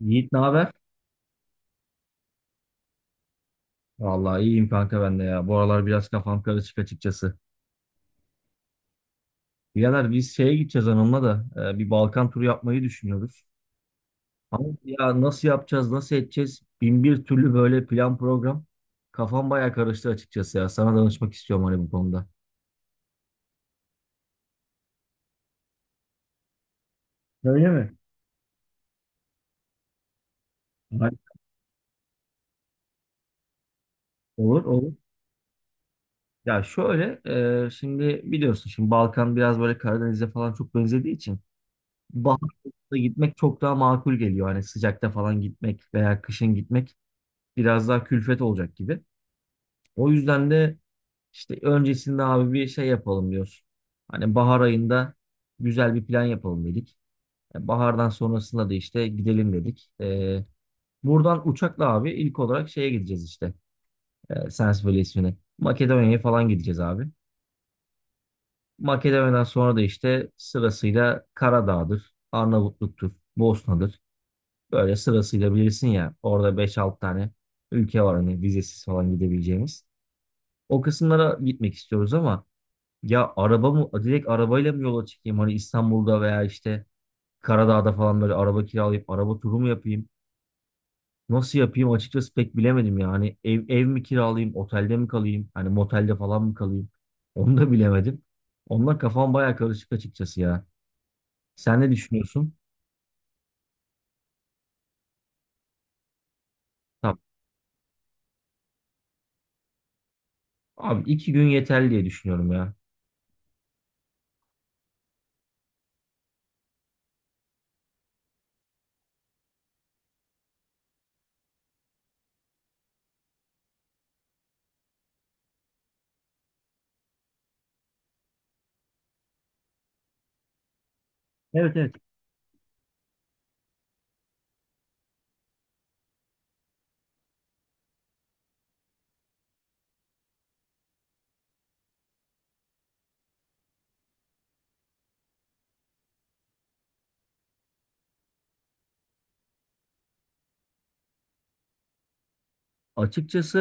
Yiğit ne haber? Vallahi iyiyim kanka ben de ya. Bu aralar biraz kafam karışık açıkçası. Birader biz şeye gideceğiz hanımla da bir Balkan turu yapmayı düşünüyoruz. Ama ya nasıl yapacağız, nasıl edeceğiz? Bin bir türlü böyle plan program. Kafam bayağı karıştı açıkçası ya. Sana danışmak istiyorum hani bu konuda. Öyle mi? Hayır. Olur olur. Ya şöyle şimdi biliyorsun şimdi Balkan biraz böyle Karadeniz'e falan çok benzediği için baharda gitmek çok daha makul geliyor. Hani sıcakta falan gitmek veya kışın gitmek biraz daha külfet olacak gibi. O yüzden de işte öncesinde abi bir şey yapalım diyoruz. Hani bahar ayında güzel bir plan yapalım dedik. Bahardan sonrasında da işte gidelim dedik. Buradan uçakla abi ilk olarak şeye gideceğiz işte. Sens Valisi'ne. Makedonya'ya falan gideceğiz abi. Makedonya'dan sonra da işte sırasıyla Karadağ'dır, Arnavutluk'tur, Bosna'dır. Böyle sırasıyla bilirsin ya orada beş 6 tane ülke var hani vizesiz falan gidebileceğimiz. O kısımlara gitmek istiyoruz ama ya araba mı direkt arabayla mı yola çıkayım hani İstanbul'da veya işte Karadağ'da falan böyle araba kiralayıp araba turu mu yapayım? Nasıl yapayım açıkçası pek bilemedim ya. Hani ev mi kiralayayım, otelde mi kalayım? Hani motelde falan mı kalayım? Onu da bilemedim. Onunla kafam baya karışık açıkçası ya. Sen ne düşünüyorsun? Tamam. Abi iki gün yeterli diye düşünüyorum ya. Evet, evet. Açıkçası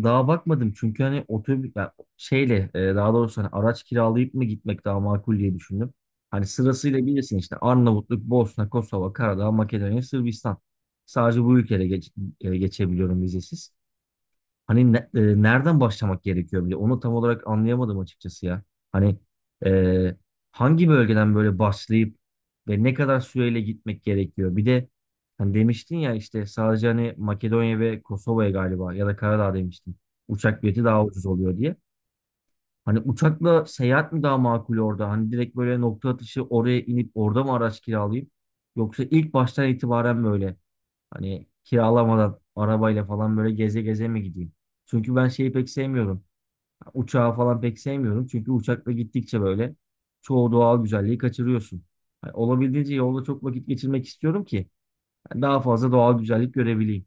daha bakmadım çünkü hani otobüs yani şeyle, daha doğrusu hani araç kiralayıp mı gitmek daha makul diye düşündüm. Hani sırasıyla bilirsin işte Arnavutluk, Bosna, Kosova, Karadağ, Makedonya, Sırbistan. Sadece bu ülkelere geçebiliyorum vizesiz. Hani nereden başlamak gerekiyor bile? Onu tam olarak anlayamadım açıkçası ya. Hani e, hangi bölgeden böyle başlayıp ve ne kadar süreyle gitmek gerekiyor? Bir de hani demiştin ya işte sadece hani Makedonya ve Kosova'ya galiba ya da Karadağ demiştin. Uçak bileti daha ucuz oluyor diye. Hani uçakla seyahat mi daha makul orada? Hani direkt böyle nokta atışı oraya inip orada mı araç kiralayıp? Yoksa ilk baştan itibaren böyle hani kiralamadan arabayla falan böyle geze geze mi gideyim? Çünkü ben şeyi pek sevmiyorum. Uçağı falan pek sevmiyorum. Çünkü uçakla gittikçe böyle çoğu doğal güzelliği kaçırıyorsun. Hani olabildiğince yolda çok vakit geçirmek istiyorum ki yani daha fazla doğal güzellik görebileyim.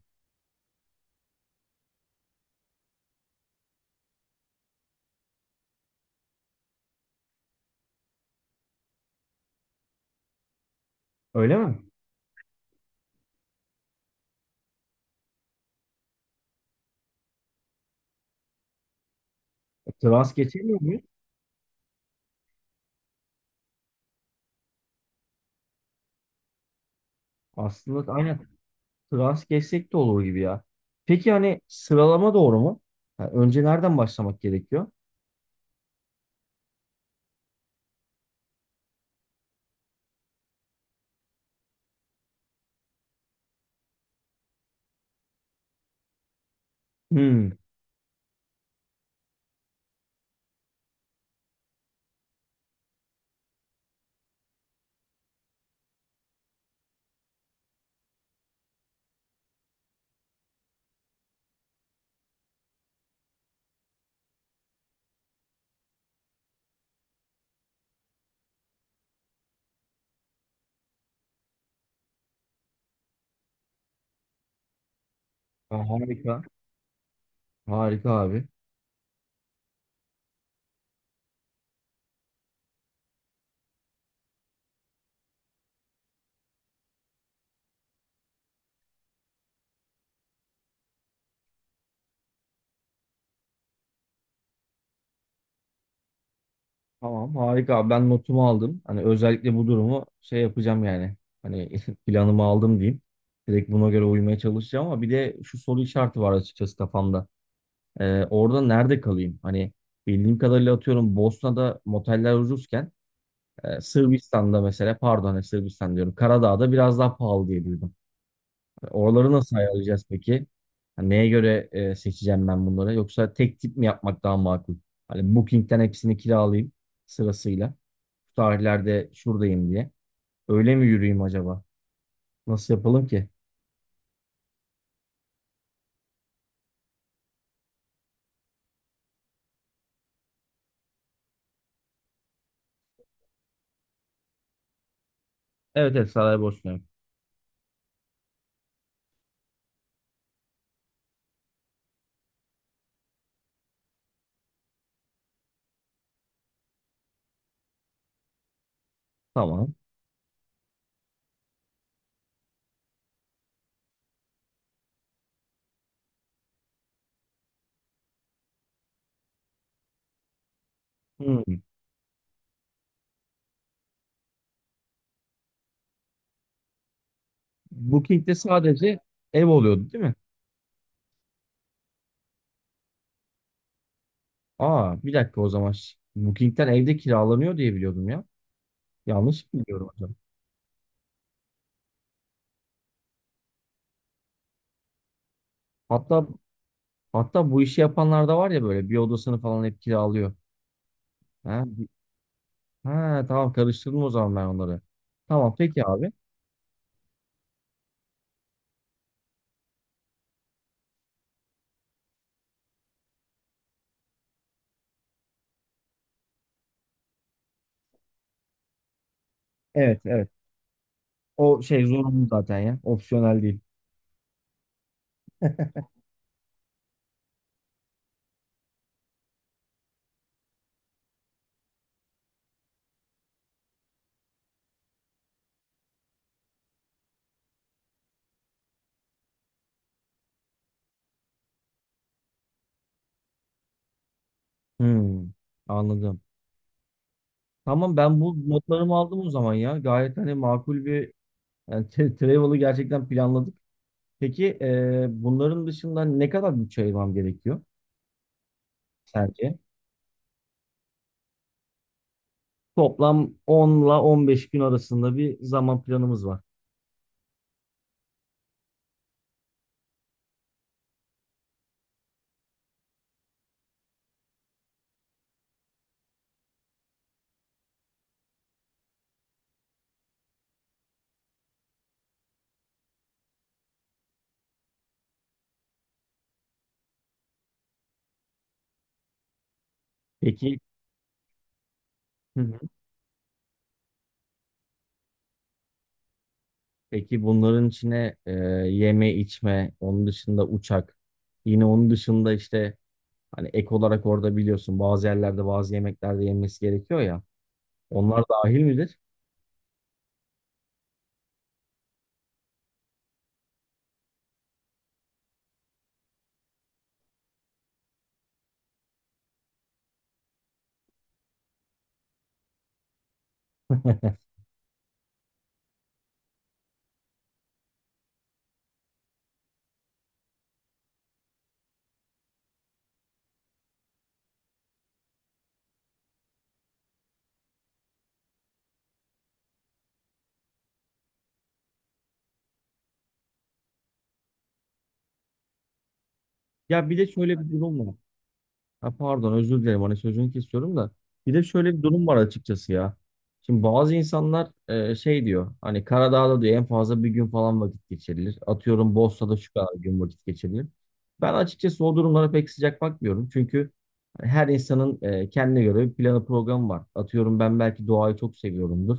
Öyle mi? Trans geçemiyor muyuz? Aslında aynen trans geçsek de olur gibi ya. Peki hani sıralama doğru mu? Yani önce nereden başlamak gerekiyor? Hmm. Ha, harika. Harika abi. Tamam harika abi, ben notumu aldım. Hani özellikle bu durumu şey yapacağım yani. Hani planımı aldım diyeyim. Direkt buna göre uymaya çalışacağım ama bir de şu soru işareti var açıkçası kafamda. Orada nerede kalayım? Hani bildiğim kadarıyla atıyorum Bosna'da moteller ucuzken, Sırbistan'da mesela, pardon, hani Sırbistan diyorum, Karadağ'da biraz daha pahalı diye duydum. Oraları nasıl ayarlayacağız peki? Hani neye göre seçeceğim ben bunları? Yoksa tek tip mi yapmak daha makul? Hani Booking'den hepsini kiralayayım sırasıyla, şu tarihlerde şuradayım diye. Öyle mi yürüyeyim acaba? Nasıl yapalım ki? Evet, evet, saraya borçluyum. Tamam. Hmm. Booking'de sadece ev oluyordu değil mi? Aa, bir dakika o zaman. Booking'den evde kiralanıyor diye biliyordum ya. Yanlış mı biliyorum acaba? Hatta, hatta bu işi yapanlar da var ya, böyle bir odasını falan hep kiralıyor. Ha, tamam, karıştırdım o zaman ben onları. Tamam peki abi. Evet, evet. O şey zorunlu zaten ya. Opsiyonel değil. Hmm, anladım. Tamam, ben bu notlarımı aldım o zaman ya. Gayet hani makul bir, yani travel'ı gerçekten planladık. Peki, bunların dışında ne kadar bütçe ayırmam gerekiyor sence? Toplam 10'la 15 gün arasında bir zaman planımız var. Peki. Hı hı. Peki bunların içine yeme içme, onun dışında uçak, yine onun dışında işte hani ek olarak, orada biliyorsun bazı yerlerde bazı yemeklerde yenmesi gerekiyor ya. Onlar dahil midir? Ya bir de şöyle bir durum var. Ha, pardon, özür dilerim hani sözünü kesiyorum da bir de şöyle bir durum var açıkçası ya. Şimdi bazı insanlar şey diyor, hani Karadağ'da diyor en fazla bir gün falan vakit geçirilir. Atıyorum Bosna'da şu kadar gün vakit geçirilir. Ben açıkçası o durumlara pek sıcak bakmıyorum. Çünkü her insanın kendine göre bir planı programı var. Atıyorum ben belki doğayı çok seviyorumdur.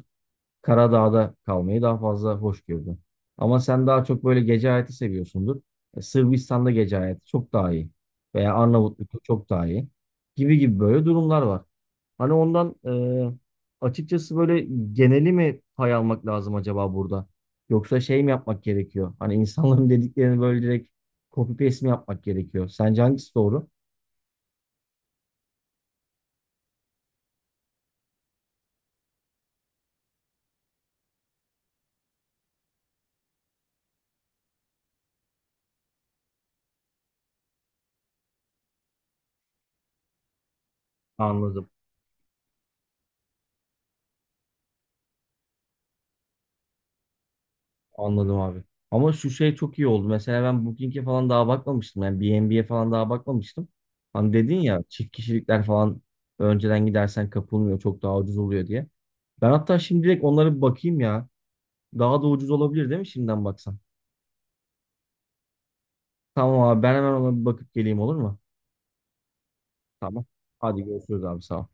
Karadağ'da kalmayı daha fazla hoş gördüm. Ama sen daha çok böyle gece hayatı seviyorsundur. Sırbistan'da gece hayatı çok daha iyi. Veya Arnavutluk'ta çok daha iyi. Gibi gibi böyle durumlar var. Hani ondan e, açıkçası böyle geneli mi pay almak lazım acaba burada? Yoksa şey mi yapmak gerekiyor? Hani insanların dediklerini böyle direkt copy paste mi yapmak gerekiyor? Sence hangisi doğru? Anladım. Anladım abi. Ama şu şey çok iyi oldu. Mesela ben Booking'e falan daha bakmamıştım. Yani B&B'ye falan daha bakmamıştım. Hani dedin ya çift kişilikler falan önceden gidersen kapılmıyor, çok daha ucuz oluyor diye. Ben hatta şimdi direkt onlara bir bakayım ya. Daha da ucuz olabilir değil mi şimdiden baksan? Tamam abi, ben hemen ona bir bakıp geleyim, olur mu? Tamam. Hadi görüşürüz abi, sağ ol.